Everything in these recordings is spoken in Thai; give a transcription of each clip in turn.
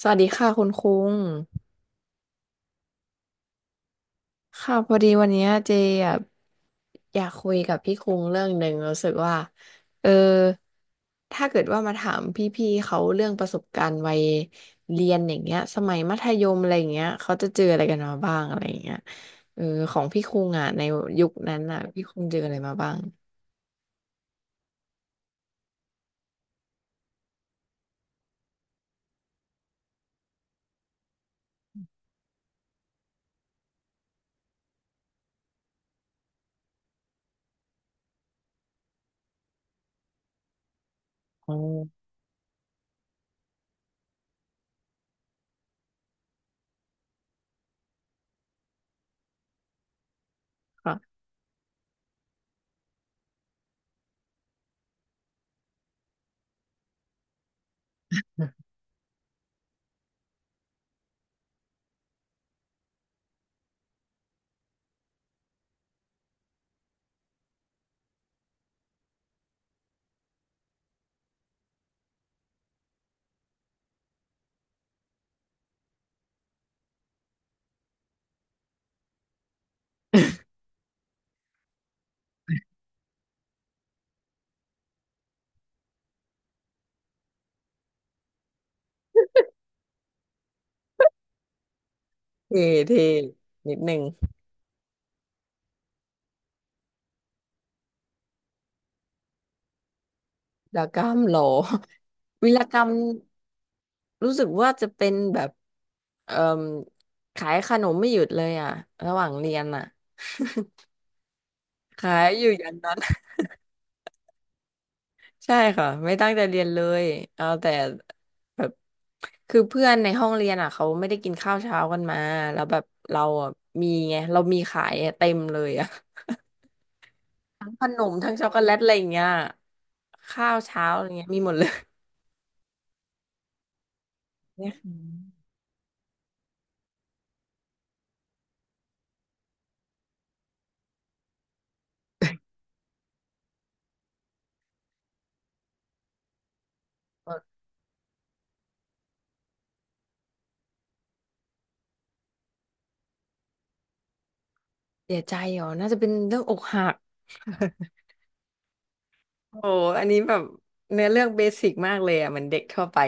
สวัสดีค่ะคุณคุ้งค่ะพอดีวันเนี้ยเจอะอยากคุยกับพี่คุ้งเรื่องหนึ่งรู้สึกว่าเออถ้าเกิดว่ามาถามพี่ๆเขาเรื่องประสบการณ์วัยเรียนอย่างเงี้ยสมัยมัธยมอะไรอย่างเงี้ยเขาจะเจออะไรกันมาบ้างอะไรอย่างเงี้ยเออของพี่คุ้งอ่ะในยุคนั้นอ่ะพี่คุ้งเจออะไรมาบ้างอ๋อค่ะ เท่เท่นิดหนึ่งวีรกรรมเหรอ วีรกรรม รู้สึกว่าจะเป็นแบบเอ่มขายขนมไม่หยุดเลยอ่ะระหว่างเรียนอ่ะขายอยู่อย่างนั้น ใช่ค่ะไม่ตั้งใจเรียนเลยเอาแต่แบบคือเพื่อนในห้องเรียนอ่ะเขาไม่ได้กินข้าวเช้ากันมาแล้วแบบเราอ่ะมีไงเรามีขายอะเต็มเลยอ่ะ ขนมทั้งช็อกโกแลตอะไรอย่างเงี้ยข้าวเช้าอะไรเงี้ยมีหมดเลย เนี่ยเสียใจเหรอน่าจะเป็นเรื่องอกหักโอ้อันนี้แบบเนื้อเรื่องเบสิกมากเลยอ่ะเหมือนเด็กทั่วไป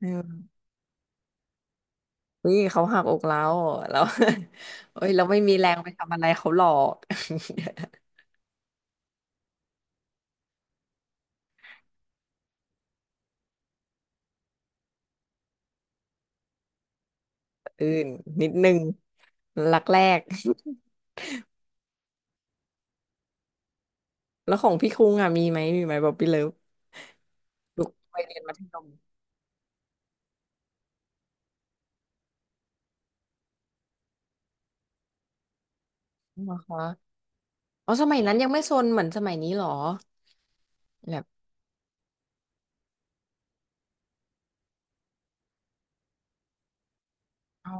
เออเฮ้ยเขาหักอกเราแล้ว เอ้ยเราไม่มีแรงไปทำอะไรเขาหรอก อื่นนิดนึงรักแรก แล้วของพี่คุงอ่ะมีไหมบอกพี่เลิฟลูกไปเรียนมัธยมนะคะอ๋อสมัยนั้นยังไม่ซนเหมือนสมัยนี้หรอแบบอ๋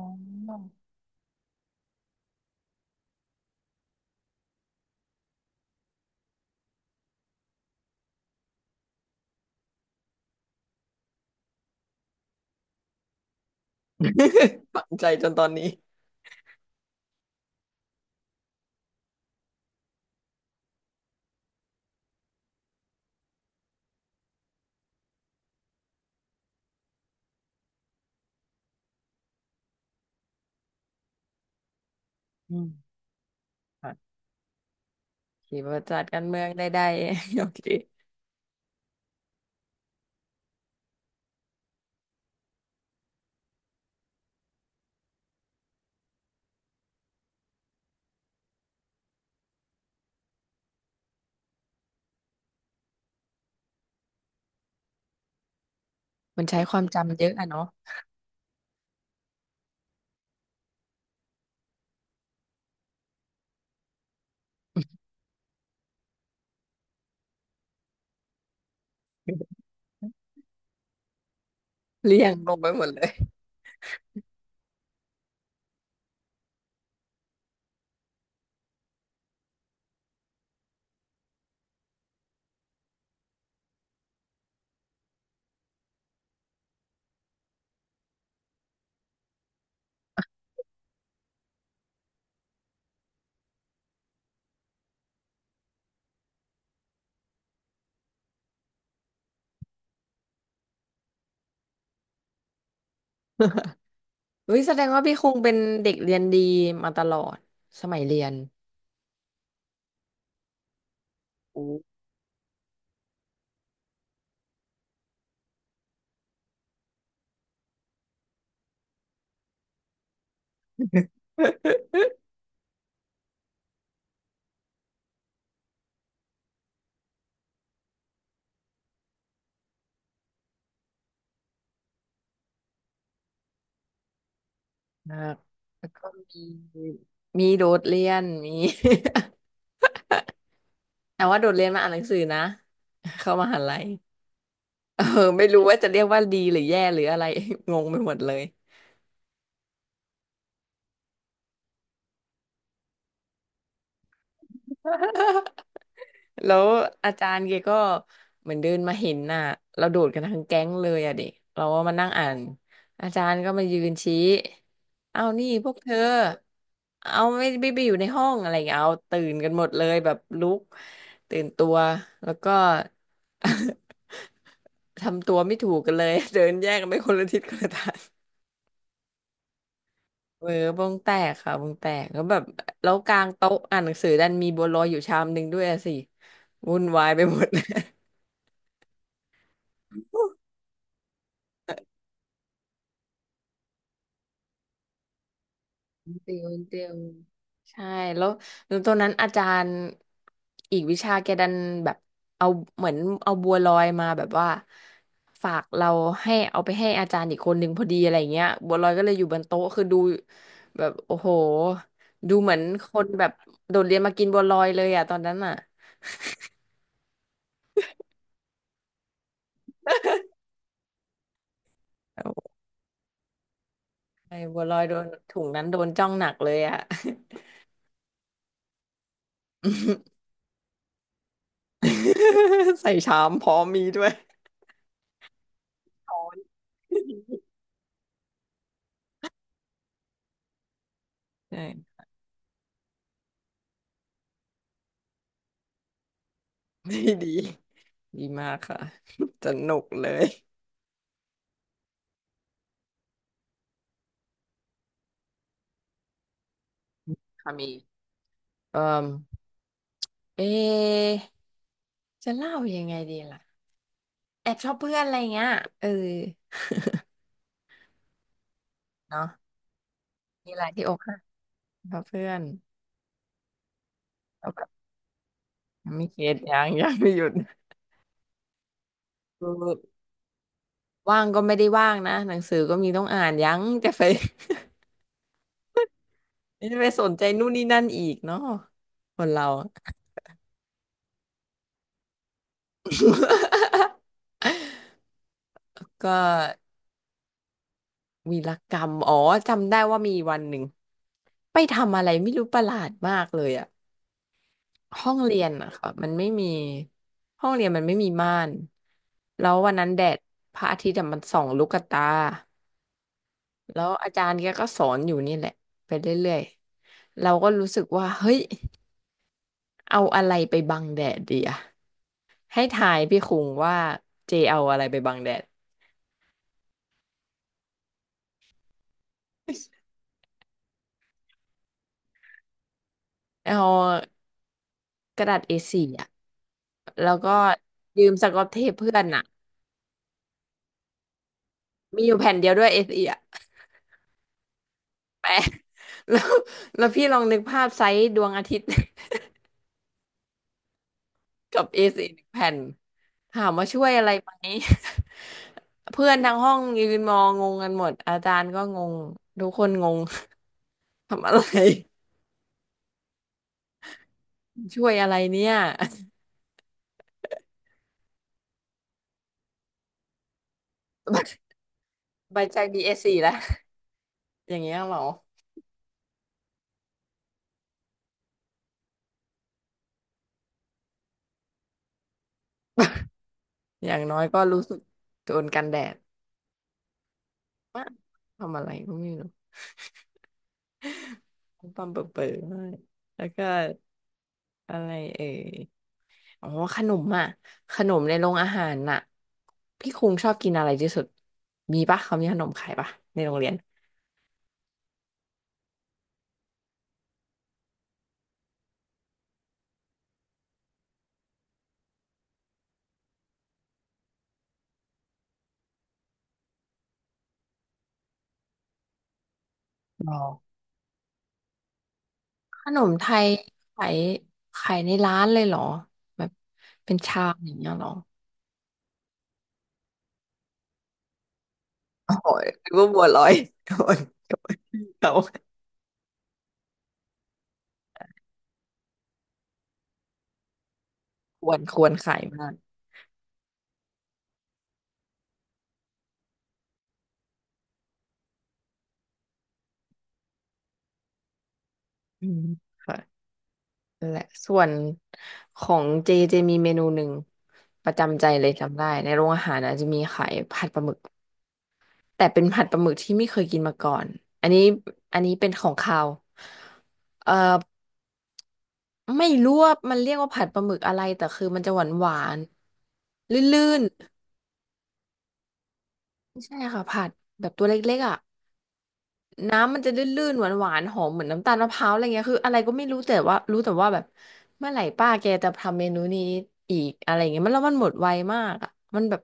อ ฝังใจจนตอนนี้อืมค่ะขี่ประจัดการเมืองได้ๆ โอเคมันใช้ความจำเยอะอะเนาะ เลี่ยงลงไปหมดเลย เฮ้ยแสดงว่าพี่คงเป็นเด็กเรียนดีมาตลอดสมัยเรียนโอ้ มากแล้วก็มี มีโดดเรียน มี แต่ว่าโดดเรียนมาอ่านหนังสือนะ เข้ามหาลัย เออไม่รู้ว่าจะเรียกว่าดีหรือแย่หรืออะไร งงไปหมดเลย แล้วอาจารย์แกก็เหมือนเดินมาเห็นน่ะเราโดดกันทั้งแก๊งเลยอะเด็กเราก็มานั่งอ่านอาจารย์ก็มายืนชี้เอานี่พวกเธอเอาไม่ไปอยู่ในห้องอะไรอย่างเงี้ยเอาตื่นกันหมดเลยแบบลุกตื่นตัวแล้วก็ ทำตัวไม่ถูกกันเลย เดินแยกกันไปคนละทิศคนละทางเออวงแตกค่ะวงแตกแล้วแบบแล้วกลางโต๊ะอ่านหนังสือดันมีบัวลอยอยู่ชามหนึ่งด้วยอะสิวุ่นวายไปหมด เดียวใช่แล้วแล้วตอนนั้นอาจารย์อีกวิชาแกดันแบบเอาเหมือนเอาบัวลอยมาแบบว่าฝากเราให้เอาไปให้อาจารย์อีกคนหนึ่งพอดีอะไรเงี้ยบัวลอยก็เลยอยู่บนโต๊ะคือดูแบบโอ้โหดูเหมือนคนแบบโดดเรียนมากินบัวลอยเลยอ่ะตอนนั้นอ่ะโอ้ใช่บัวลอยโดนถุงนั้นโดนจ้องหนักเลยอ่ะ ใส่ชามพร้อมมีด้วย ช้อนใช่ ไม่ดี ดีมากค่ะ สนุกเลยค่ะมีเอ่อเอะจะเล่ายังไงดีล่ะแอบชอบเพื่อนอะไรเงี้ยเออเนาะมีอะไรที่อกหักเพราะเพื่อนแล้วแบบยังไม่เคสยังไม่หยุดคือว่างก็ไม่ได้ว่างนะหนังสือก็มีต้องอ่านยังจะไปจะไปสนใจนู่นนี่นั่นอีกเนาะคนเรา ก็วีรกรรมอ๋อจำได้ว่ามีวันหนึ่งไปทำอะไรไม่รู้ประหลาดมากเลยอะ ห้องเรียนอะค่ะมันไม่มีห้องเรียนมันไม่มีม่านแล้ววันนั้นแดดพระอาทิตย์อะมันส่องลูกตาแล้วอาจารย์แกก็สอนอยู่นี่แหละไปเรื่อยๆเราก็รู้สึกว่าเฮ้ยเอาอะไรไปบังแดดดีอะให้ทายพี่คุงว่าเจเอาอะไรไปบังแดดเอากระดาษเอสี่อะแล้วก็ยืมสก๊อตเทปเพื่อนอะมีอยู่แผ่นเดียวด้วยเอสี่อะแปะ แล้วแล้วพี่ลองนึกภาพไซส์ดวงอาทิตย์ กับ a ีหนึ่งแผ่นถามว่าช่วยอะไรไหม เพื่อนทั้งห้องยืนมองงงกันหมดอาจารย์ก็งงทุกคนงง ทำอะไร ช่วยอะไรเนี่ย ใบใจดีเอสซี่แล้ว อย่างเงี้ยเหรออย่างน้อยก็รู้สึกโดนกันแดด มากทำอะไรก็ไม่รู้ปั่มเปิดมากแล้วก็อะไรเอ่ยอ๋อขนมอ่ะขนมในโรงอาหารน่ะพี่คุงชอบกินอะไรที่สุดมีปะเขามีขนมขายปะในโรงเรียนหรอ ขนมไทยขายขายในร้านเลยเหรอแบบเป็นชามอย่างเงี้ยเหรอโอ้ยหรือว่าบัวลอยโดนโดนเขาควรขายมากอืมค่ะนั่นแหละส่วนของเจเจมีเมนูหนึ่งประจำใจเลยจำได้ในโรงอาหารนะจะมีขายผัดปลาหมึกแต่เป็นผัดปลาหมึกที่ไม่เคยกินมาก่อนอันนี้อันนี้เป็นของคาวเอ่อไม่รู้ว่ามันเรียกว่าผัดปลาหมึกอะไรแต่คือมันจะหวานหวานลื่นๆ ใช่ค่ะผัดแบบตัวเล็กๆอ่ะน้ำมันจะลื่นๆหวานๆหอมเหมือนน้ำตาลมะพร้าวอะไรเงี้ยคืออะไรก็ไม่รู้แต่ว่ารู้แต่ว่าแบบเมื่อไหร่ป้าแกจะทำเมนูนี้อีกอะไรเงี้ยมันแล้วมันหมดไวมากอ่ะมันแบบ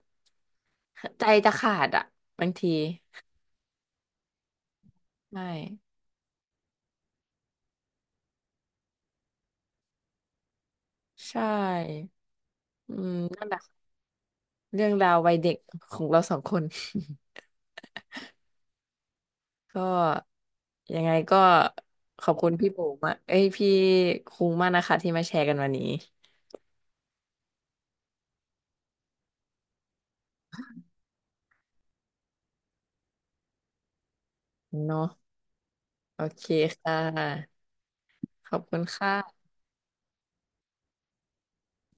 ใจจะขาดอ่ะบางทีใช่ใช่อืมนั่นแหละค่ะเรื่องราววัยเด็กของเราสองคน ก็ยังไงก็ขอบคุณพี่โบมากเอ้ยพี่คุ้งมากนะคะที่มาแชร์กันวันนี้เนาะโอเคค่ะ ขอบคุณค่ะ